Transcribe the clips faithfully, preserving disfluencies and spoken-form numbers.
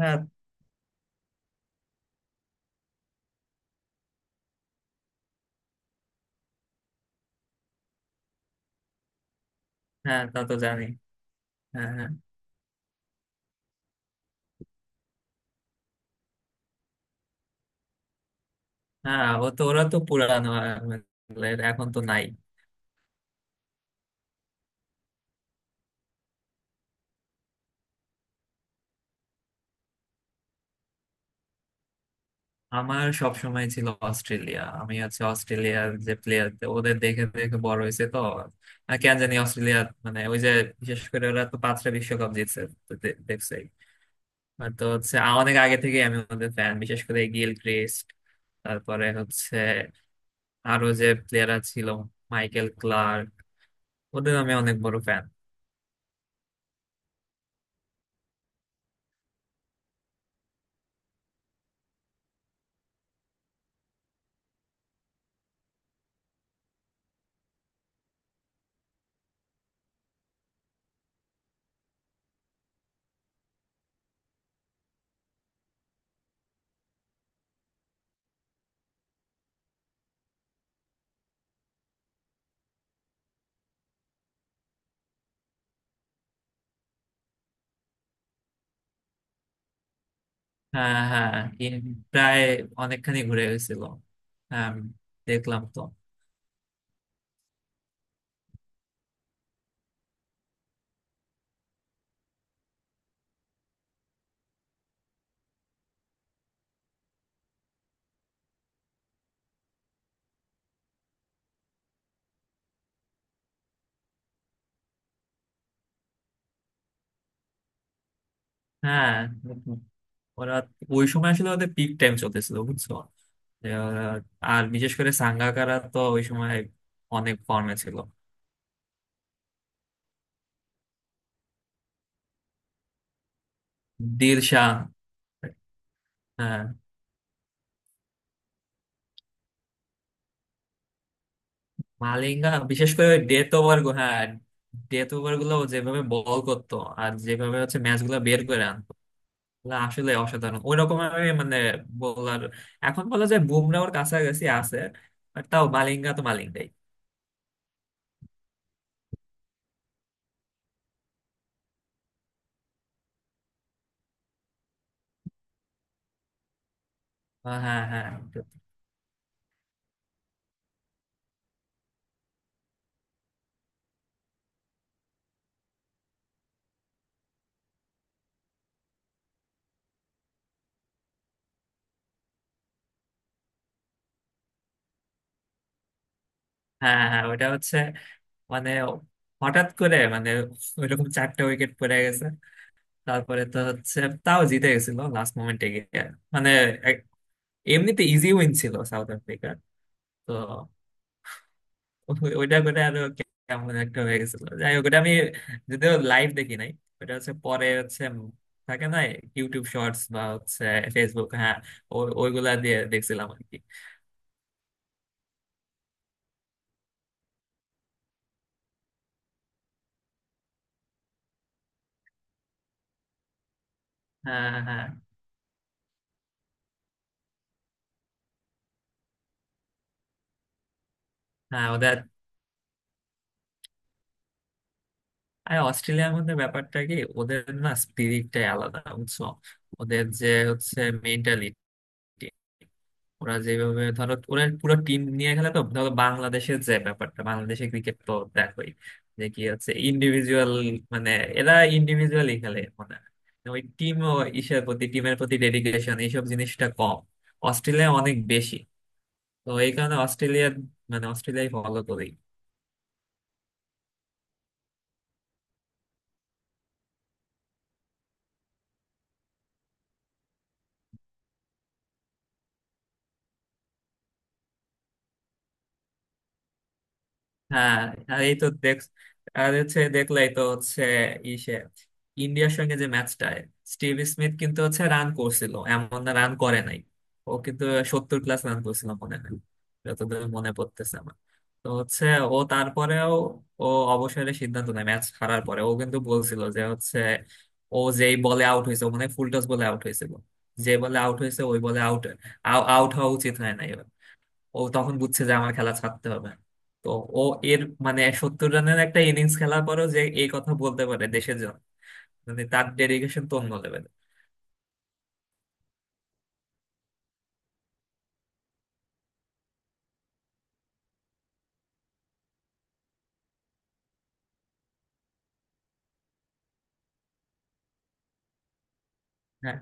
হ্যাঁ হ্যাঁ তা তো জানি। হ্যাঁ হ্যাঁ হ্যাঁ, ও তো ওরা তো পুরানো, আহ, এখন তো নাই। আমার সব সময় ছিল অস্ট্রেলিয়া। আমি হচ্ছে অস্ট্রেলিয়ার যে প্লেয়ার, ওদের দেখে দেখে বড় হয়েছে তো। আর কেন জানি অস্ট্রেলিয়া মানে ওই যে, বিশেষ করে ওরা তো পাঁচটা বিশ্বকাপ জিতছে, তো দে- দেখছোই। আর তো হচ্ছে অনেক আগে থেকে আমি ওদের ফ্যান, বিশেষ করে গিল ক্রিস্ট, তারপরে হচ্ছে আরো যে প্লেয়াররা ছিল, মাইকেল ক্লার্ক, ওদের আমি অনেক বড় ফ্যান। হ্যাঁ হ্যাঁ, ইন প্রায় অনেকখানি ঘুরে গেছিল। হ্যাঁ দেখলাম তো। হ্যাঁ, ওরা ওই সময় আসলে ওদের পিক টাইম চলতেছিল, বুঝছো। আহ, আর বিশেষ করে সাঙ্গাকারা তো ওই সময় অনেক ফর্মে ছিল। দিলশা, হ্যাঁ। মালিঙ্গা বিশেষ করে ডেথ ওভার, হ্যাঁ। ডেথ ওভার গুলো ও যেভাবে বল করতো, আর যেভাবে হচ্ছে ম্যাচ গুলো বের করে আনতো, না আসলে অসাধারণ। ওই রকম আমি মানে বলার, এখন বলা যায় বুমরাহর কাছাকাছি আছে, বাট তাও মালিঙ্গা তো মালিঙ্গাই। হ্যাঁ হ্যাঁ হ্যাঁ হ্যাঁ, ওইটা হচ্ছে মানে, হঠাৎ করে মানে, ওইরকম চারটা উইকেট পড়ে গেছে, তারপরে তো হচ্ছে তাও জিতে গেছিল লাস্ট মোমেন্টে গিয়ে। মানে এক- এমনিতে ইজি উইন ছিল সাউথ আফ্রিকার। তো ওই- ওইটা করে আরো কেমন একটা হয়ে গেছিল। যাই হোক, ওটা আমি যদিও লাইভ দেখি নাই, ওটা হচ্ছে পরে হচ্ছে উম থাকে না, ইউটিউব শর্টস বা হচ্ছে ফেসবুক, হ্যাঁ, ও- ওইগুলা দিয়ে দেখছিলাম আর কি। হ্যাঁ হ্যাঁ হ্যাঁ, ওদের আর অস্ট্রেলিয়ার মধ্যে ব্যাপারটা কি, ওদের না স্পিরিটটাই আলাদা, বুঝছো। ওদের যে হচ্ছে মেন্টালিটি, ওরা যেভাবে, ধরো ওরা পুরো টিম নিয়ে খেলে, তো ধরো বাংলাদেশের যে ব্যাপারটা, বাংলাদেশে ক্রিকেট তো দেখোই, যে কি হচ্ছে ইন্ডিভিজুয়াল মানে এরা ইন্ডিভিজুয়ালি খেলে মানে ওই টিম ও ইসের প্রতি, টিমের প্রতি ডেডিকেশন এইসব জিনিসটা কম, অস্ট্রেলিয়া অনেক বেশি। তো এই কারণে অস্ট্রেলিয়া মানে অস্ট্রেলিয়ায় ফলো করি। হ্যাঁ হ্যাঁ, এই তো দেখ, আর হচ্ছে দেখলাই তো হচ্ছে ইসে, ইন্ডিয়ার সঙ্গে যে ম্যাচটায় স্টিভ স্মিথ কিন্তু হচ্ছে রান করছিল, এমন না রান করে নাই। ও কিন্তু সত্তর প্লাস রান করছিল মনে হয়, যতদূর মনে পড়তেছে আমার। তো হচ্ছে ও তারপরেও ও অবসরের সিদ্ধান্ত নেয় ম্যাচ হারার পরে। ও কিন্তু বলছিল যে হচ্ছে, ও যেই বলে আউট হয়েছে, ও মানে ফুল টস বলে আউট হয়েছিল, যে বলে আউট হয়েছে ওই বলে আউট আউট হওয়া উচিত হয় না, ও তখন বুঝছে যে আমার খেলা ছাড়তে হবে। তো ও এর মানে সত্তর রানের একটা ইনিংস খেলার পরেও যে এই কথা বলতে পারে দেশের জন্য, মানে তার ডেডিকেশন তো অন্য লেভেলের। হ্যাঁ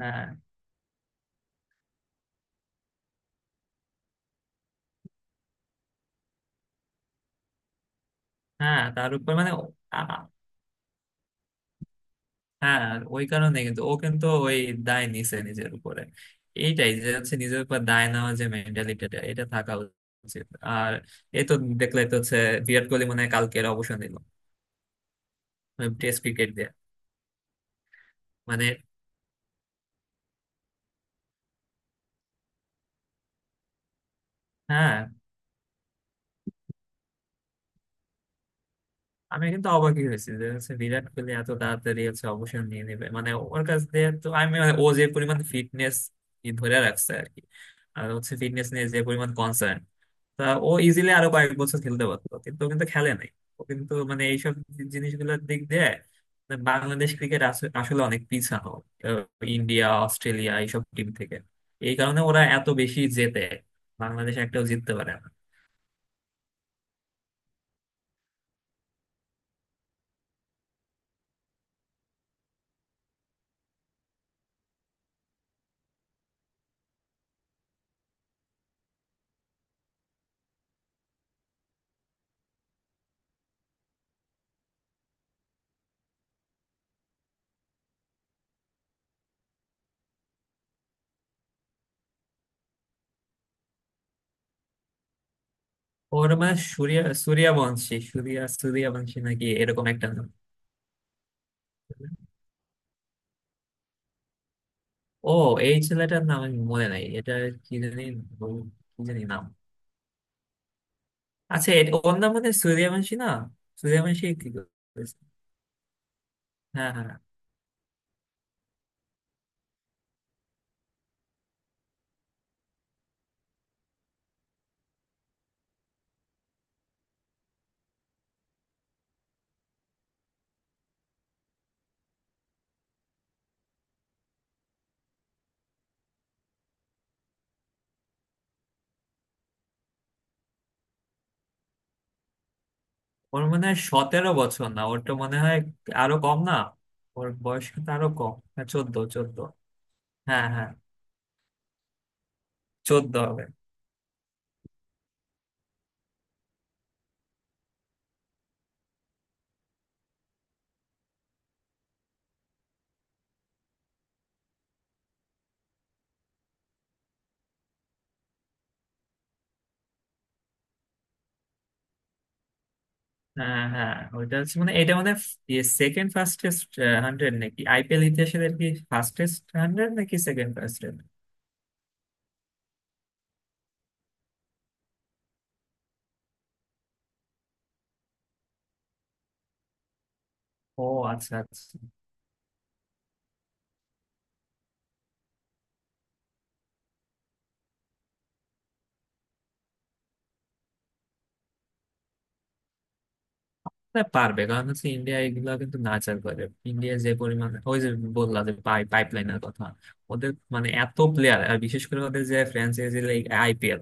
হ্যাঁ হ্যাঁ, তার উপর মানে ও- আ- আ- হ্যাঁ, ওই কারণে কিন্তু ও কিন্তু ওই দায় নিছে নিজের উপরে। এইটাই যে হচ্ছে নিজের উপর দায় নেওয়া, যে মেন্টালিটিটা এটা থাকা উচিত। আর এই তো দেখলে তো হচ্ছে, বিরাট কোহলি মনে হয় কালকের অবসর নিল টেস্ট ক্রিকেট দিয়ে। মানে, হ্যাঁ। আমি কিন্তু অবাকই হয়েছি যে হচ্ছে বিরাট কোহলি এত তাড়াতাড়ি হচ্ছে অবসর নিয়ে নেবে, মানে ওর কাছ দিয়ে তো আমি মানে, ও যে পরিমাণ ফিটনেস ধরে রাখছে আর কি, আর হচ্ছে ফিটনেস নিয়ে যে পরিমাণ কনসার্ন, তা ও ইজিলি আরো কয়েক বছর খেলতে পারতো, কিন্তু ও কিন্তু খেলে নাই। ও কিন্তু মানে এইসব জি- জিনিসগুলোর দিক দিয়ে মানে বাংলাদেশ ক্রিকেট আসলে অনেক পিছানো, আহ, ইন্ডিয়া অস্ট্রেলিয়া এইসব টিম থেকে। এই কারণে ওরা এত বেশি জেতে, বাংলাদেশ একটাও জিততে পারে না। ওর মানে, সূর্যা সূর্যবংশী সূর্যা সূর্যবংশী নাকি এরকম একটা নাম। ও, এই ছেলেটার নাম আমি মনে নাই, এটা কি জানি। বল- কি জানি নাম। আচ্ছা এ- ওর নাম মানে সূর্যবংশী না? সূর্যবংশী কি করেছে? হ্যাঁ হ্যাঁ, ওর মনে হয় সতেরো বছর না, ওর তো মনে হয় আরো কম না? ওর বয়স কিন্তু আরো কম, হ্যাঁ চোদ্দ চোদ্দ। হ্যাঁ হ্যাঁ, চোদ্দ হবে। হ্যাঁ হ্যাঁ, ওইটা হচ্ছে মানে, এটা মানে সেকেন্ড ফাস্টেস্ট হান্ড্রেড নাকি আইপিএল ইতিহাসের আর কি, ফাস্টেস্ট হান্ড্রেড নাকি সেকেন্ড ফাস্টেস্ট। ও আচ্ছা আচ্ছা। তা পারবে, কারণ হচ্ছে ইন্ডিয়া এগুলা কিন্তু নাচার করে। ইন্ডিয়া যে পরিমাণ ওই যে বললা যে পাই পাইপলাইনের কথা, ওদের মানে এত প্লেয়ার, আর বিশেষ করে ওদের যে ফ্র্যাঞ্চাইজি লাইক আইপিএল,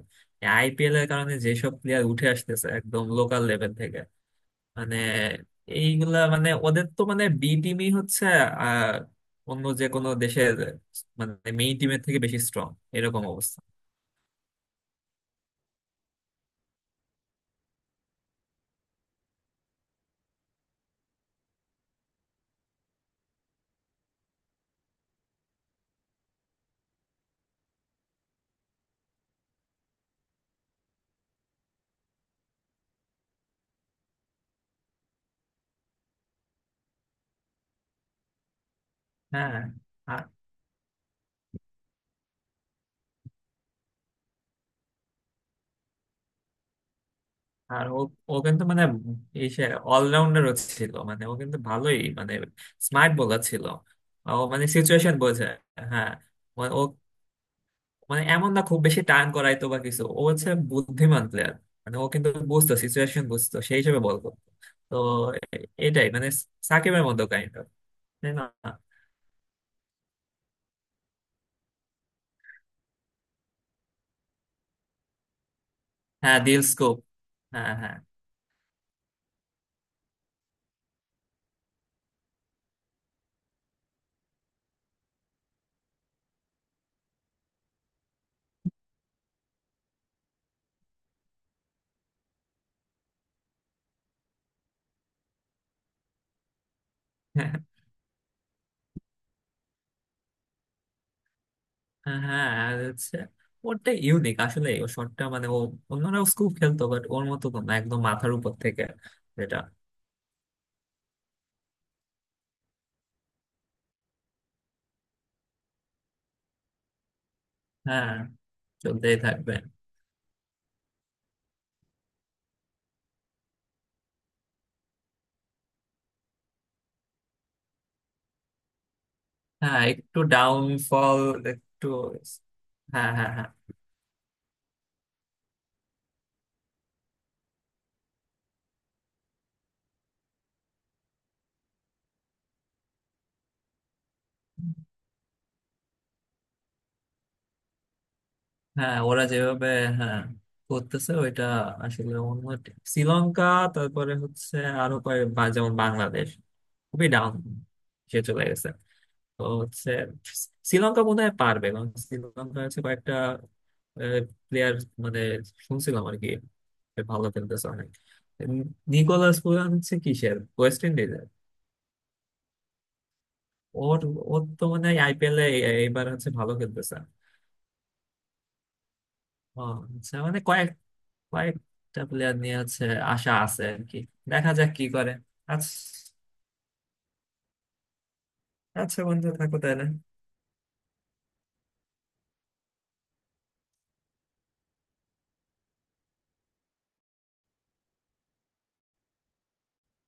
আইপিএল এর কারণে যেসব প্লেয়ার উঠে আসতেছে একদম লোকাল লেভেল থেকে, মানে এইগুলা মানে ওদের তো মানে বি টিমই হচ্ছে আহ, অন্য যে কোনো দেশের মানে মেইন টিমের থেকে বেশি স্ট্রং এরকম অবস্থা। হ্যাঁ, আর ও, ও কিন্তু মানে এই সে অলরাউন্ডারও ছিল, মানে ও কিন্তু ভালোই মানে স্মার্ট বোলার ছিল, ও মানে সিচুয়েশন বোঝে। হ্যাঁ, মানে ও মানে এমন না খুব বেশি টার্ন করাইতো বা কিছু, ও হচ্ছে বুদ্ধিমান প্লেয়ার, মানে ও কিন্তু বুঝতো সিচুয়েশন, বুঝতো সেই হিসেবে বল করতো। তো এ- এটাই মানে সাকিবের মতো কাইন্ড অফ, তাই না। হ্যাঁ দিল স্কোপ। হ্যাঁ হ্যাঁ হ্যাঁ হ্যাঁ, আর হচ্ছে ওরটা ইউনিক আসলে, ও শটটা মানে ও, অন্যরাও খুব খেলতো বাট ওর মতো তো না, একদম মাথার উপর থেকে যেটা। হ্যাঁ চলতেই থাকবে। হ্যাঁ একটু ডাউনফল, একটু। হ্যাঁ হ্যাঁ হ্যাঁ হ্যাঁ, ওরা যেভাবে, হ্যাঁ করতেছে ওইটা, আসলে অন্য টি- শ্রীলঙ্কা, তারপরে হচ্ছে আরো কয়েক বা- যেমন বাংলাদেশ খুবই ডাউন, সে চলে গেছে, তো হচ্ছে শ্রীলঙ্কা বোধহয় পারবে, কারণ শ্রীলঙ্কা হচ্ছে কয়েকটা প্লেয়ার মানে শুনছিলাম আর কি, সে ভালো খেলতেছে অনেক, উম, নিকোলাস পুরান হচ্ছে কিসের, ওয়েস্ট ইন্ডিজের। ওর, ওর তো মানে আইপিএল এ এবার হচ্ছে ভালো খেলতেছে। ও আচ্ছা, মানে কয়েক, কয়েকটা প্লেয়ার নিয়ে হচ্ছে আশা আছে আর কি, দেখা যাক কি করে। আচ্ছা, আচ্ছা বন্ধু থাকো তাহলে।